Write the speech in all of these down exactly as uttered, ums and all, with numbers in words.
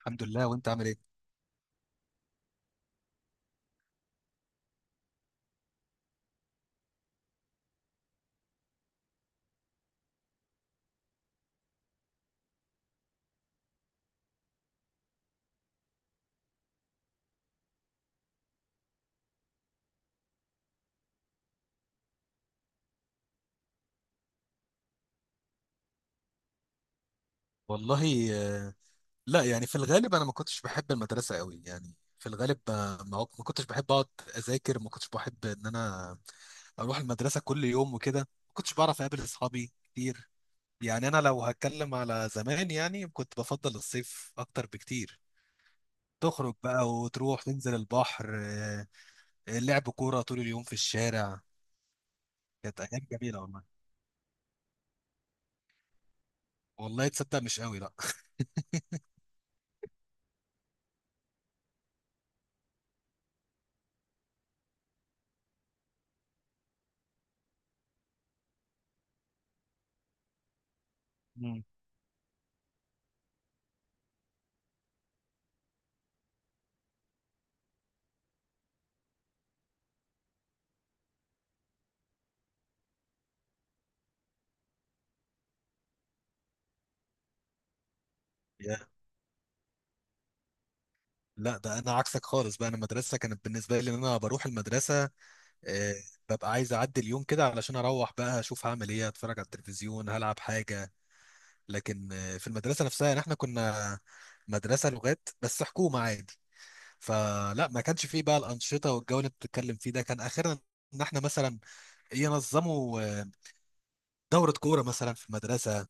الحمد لله وانت عامل ايه. والله آه، لا يعني في الغالب انا ما كنتش بحب المدرسه قوي. يعني في الغالب آه، ما ما كنتش بحب اقعد اذاكر، ما كنتش بحب ان انا اروح المدرسه كل يوم وكده. ما كنتش بعرف اقابل اصحابي كتير. يعني انا لو هتكلم على زمان يعني كنت بفضل الصيف اكتر بكتير. تخرج بقى وتروح تنزل البحر، آه، لعب كوره طول اليوم في الشارع. كانت ايام جميله والله. والله تصدق مش قوي، لا. مم. لا ده انا عكسك خالص بقى. انا المدرسه كانت بالنسبه لي ان انا بروح المدرسه، آه، ببقى عايز اعدي اليوم كده علشان اروح بقى اشوف هعمل ايه، اتفرج على التلفزيون، هلعب حاجه. لكن آه، في المدرسه نفسها يعني احنا كنا مدرسه لغات بس حكومه عادي. فلا ما كانش فيه بقى الانشطه والجو اللي بتتكلم فيه ده. كان اخرنا ان احنا مثلا ينظموا آه، دوره كوره مثلا في المدرسه.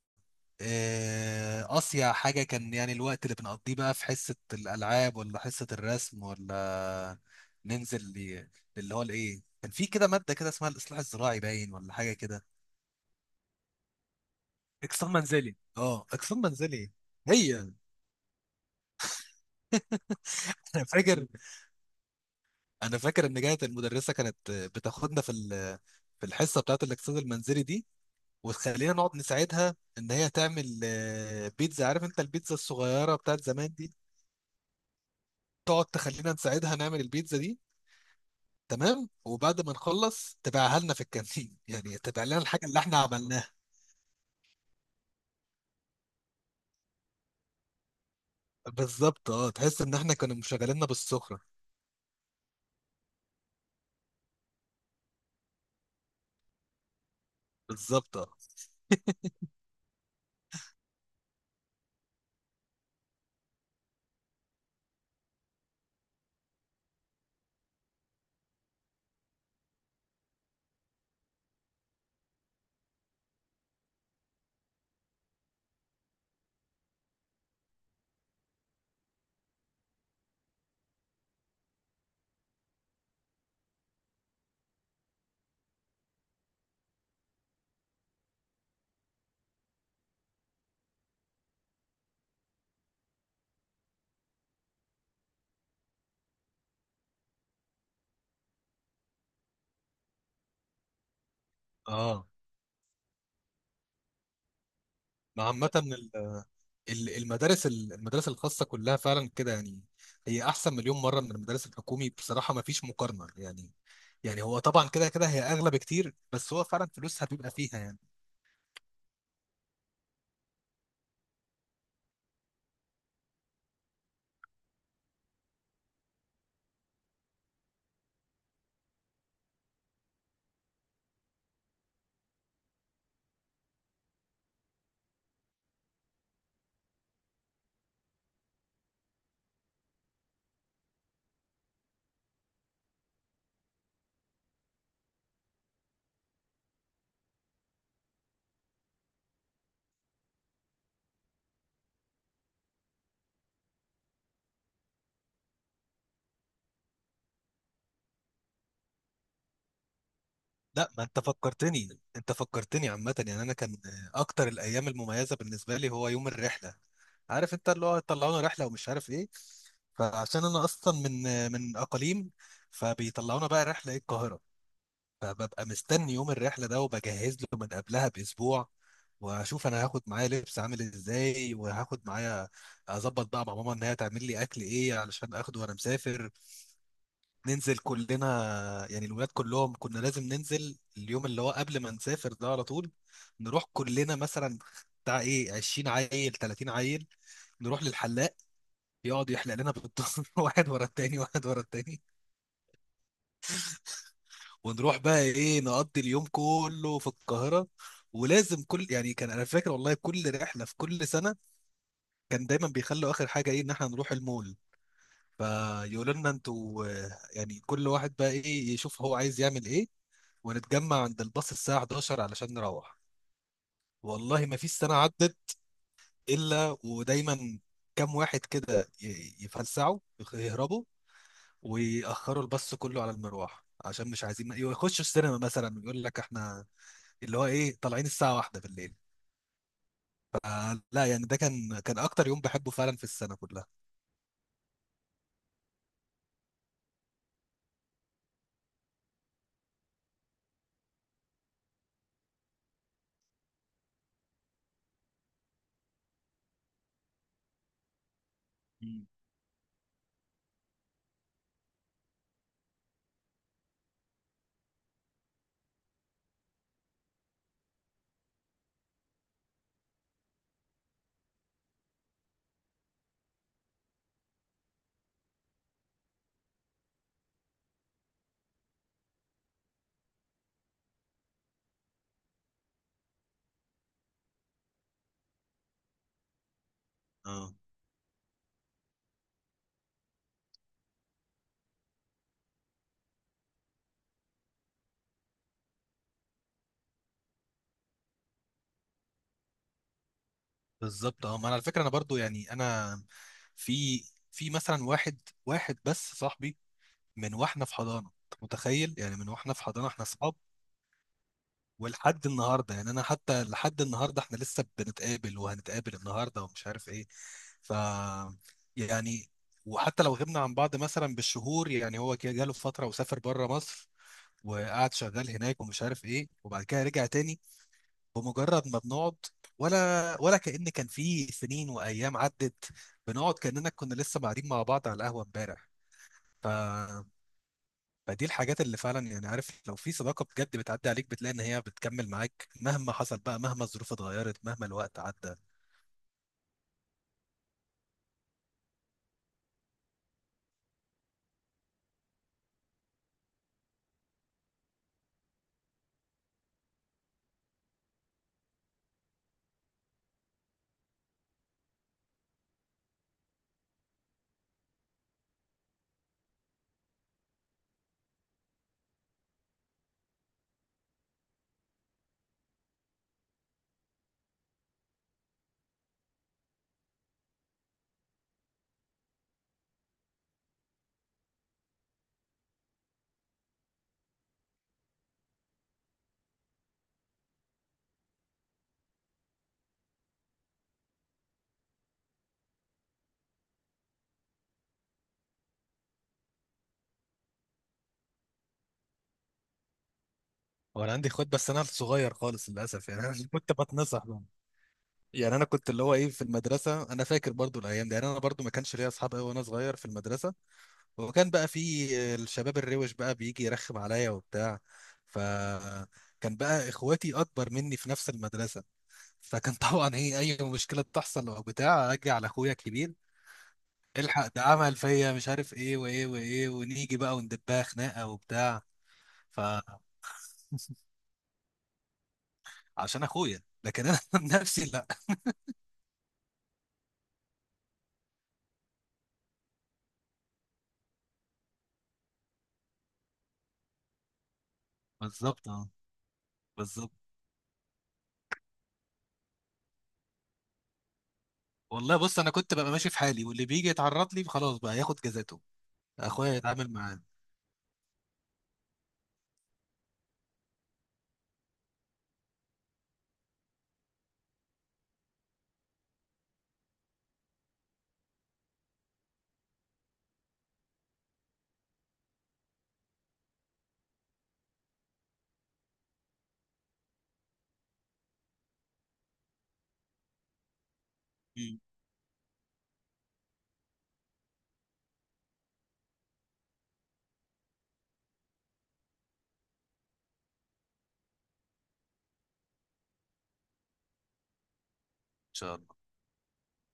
آه، أصيع حاجة كان يعني الوقت اللي بنقضيه بقى في حصة الألعاب ولا حصة الرسم، ولا ننزل ل- اللي هو الإيه. كان في كده مادة كده اسمها الإصلاح الزراعي باين ولا حاجة كده. اكسار منزلي، اه، اقسام منزلي. هي. انا فاكر، انا فاكر ان كانت المدرسه كانت بتاخدنا في ال- في الحصه بتاعت الاقتصاد المنزلي دي، وتخلينا نقعد نساعدها ان هي تعمل آه، بيتزا. عارف انت البيتزا الصغيره بتاعت زمان دي؟ تقعد تخلينا نساعدها نعمل البيتزا دي، تمام، وبعد ما نخلص تبيعها لنا في الكانتين. يعني تبيع لنا الحاجه اللي احنا عملناها. بالظبط، اه، تحس ان احنا كانوا مشغليننا بالسخره. بالظبط، اه، اه. ما عامه ال- ال- المدارس ال- المدارس الخاصه كلها فعلا كده يعني. هي احسن مليون مره من المدارس الحكومي بصراحه، ما فيش مقارنه يعني. يعني هو طبعا كده كده هي اغلى بكتير، بس هو فعلا فلوسها بيبقى فيها يعني. لا، ما انت فكرتني، انت فكرتني عامة. يعني انا كان اكتر الايام المميزة بالنسبة لي هو يوم الرحلة. عارف انت اللي هو طلعونا رحلة ومش عارف ايه. فعشان انا اصلا من من اقاليم، فبيطلعونا بقى رحلة ايه القاهرة. فببقى مستني يوم الرحلة ده، وبجهز له من قبلها باسبوع. واشوف انا هاخد معايا لبس عامل ازاي، وهاخد معايا، اظبط بقى مع ماما ان هي تعمل لي اكل ايه علشان اخده وانا مسافر. ننزل كلنا، يعني الولاد كلهم كنا لازم ننزل اليوم اللي هو قبل ما نسافر ده على طول. نروح كلنا مثلا بتاع ايه عشرين عيل، تلاتين عيل، نروح للحلاق، يقعد يحلق لنا بالضرب. واحد ورا التاني، واحد ورا التاني. ونروح بقى ايه نقضي اليوم كله في القاهرة. ولازم كل يعني كان، انا فاكر والله كل رحلة في كل سنة كان دايما بيخلوا اخر حاجة ايه ان احنا نروح المول. فيقولوا لنا انتوا آه، يعني كل واحد بقى ايه يشوف هو عايز يعمل ايه، ونتجمع عند الباص الساعة حداشر علشان نروح. والله ما فيش سنة عدت إلا ودايما كام واحد كده ي- يفلسعوا، يخ- يهربوا ويأخروا الباص كله على المروح، عشان مش عايزين يخشوا السينما مثلا، ويقول لك احنا اللي هو ايه طالعين الساعة واحدة بالليل. فلا يعني ده كان، كان أكتر يوم بحبه فعلا في السنة كلها. مم. اه، بالظبط، اه. ما أنا على فكرة أنا برضو يعني أنا في، في مثلا واحد واحد بس صاحبي، من واحنا في حضانه. انت متخيل؟ يعني من واحنا في حضانه احنا اصحاب، ولحد النهارده يعني. انا حتى لحد النهارده احنا لسه بنتقابل، وهنتقابل النهارده ومش عارف ايه. ف، يعني وحتى لو غبنا عن بعض مثلا بالشهور، يعني هو كده جاله فتره وسافر بره مصر، وقعد شغال هناك ومش عارف ايه، وبعد كده رجع تاني. بمجرد ما بنقعد، ولا ولا كأن كان في سنين وايام عدت، بنقعد كأننا كنا لسه قاعدين مع بعض على القهوه امبارح. ف، فدي الحاجات اللي فعلا يعني، عارف، لو في صداقة بجد بتعدي عليك بتلاقي ان هي بتكمل معاك مهما حصل بقى، مهما الظروف اتغيرت، مهما الوقت عدى. وانا عندي اخوات بس انا صغير خالص للاسف يعني. انا كنت بتنصح بقى. يعني انا كنت اللي هو ايه في المدرسة، انا فاكر برضو الايام دي. يعني انا برضو ما كانش ليا اصحاب قوي وانا صغير في المدرسة. وكان بقى في الشباب الروش بقى بيجي يرخم عليا وبتاع. ف، كان بقى اخواتي اكبر مني في نفس المدرسه، فكان طبعا ايه اي مشكله بتحصل او بتاع اجي على اخويا الكبير: الحق، ده عمل فيا مش عارف ايه وايه وايه، ونيجي بقى وندبها خناقه وبتاع. فعشان اخويا، لكن انا من نفسي لا. بالظبط، اه، بالظبط. والله بص انا كنت ببقى ماشي في حالي، واللي بيجي يتعرض لي خلاص بقى ياخد جزاته، اخويا يتعامل معاه. مم. ان شاء الله.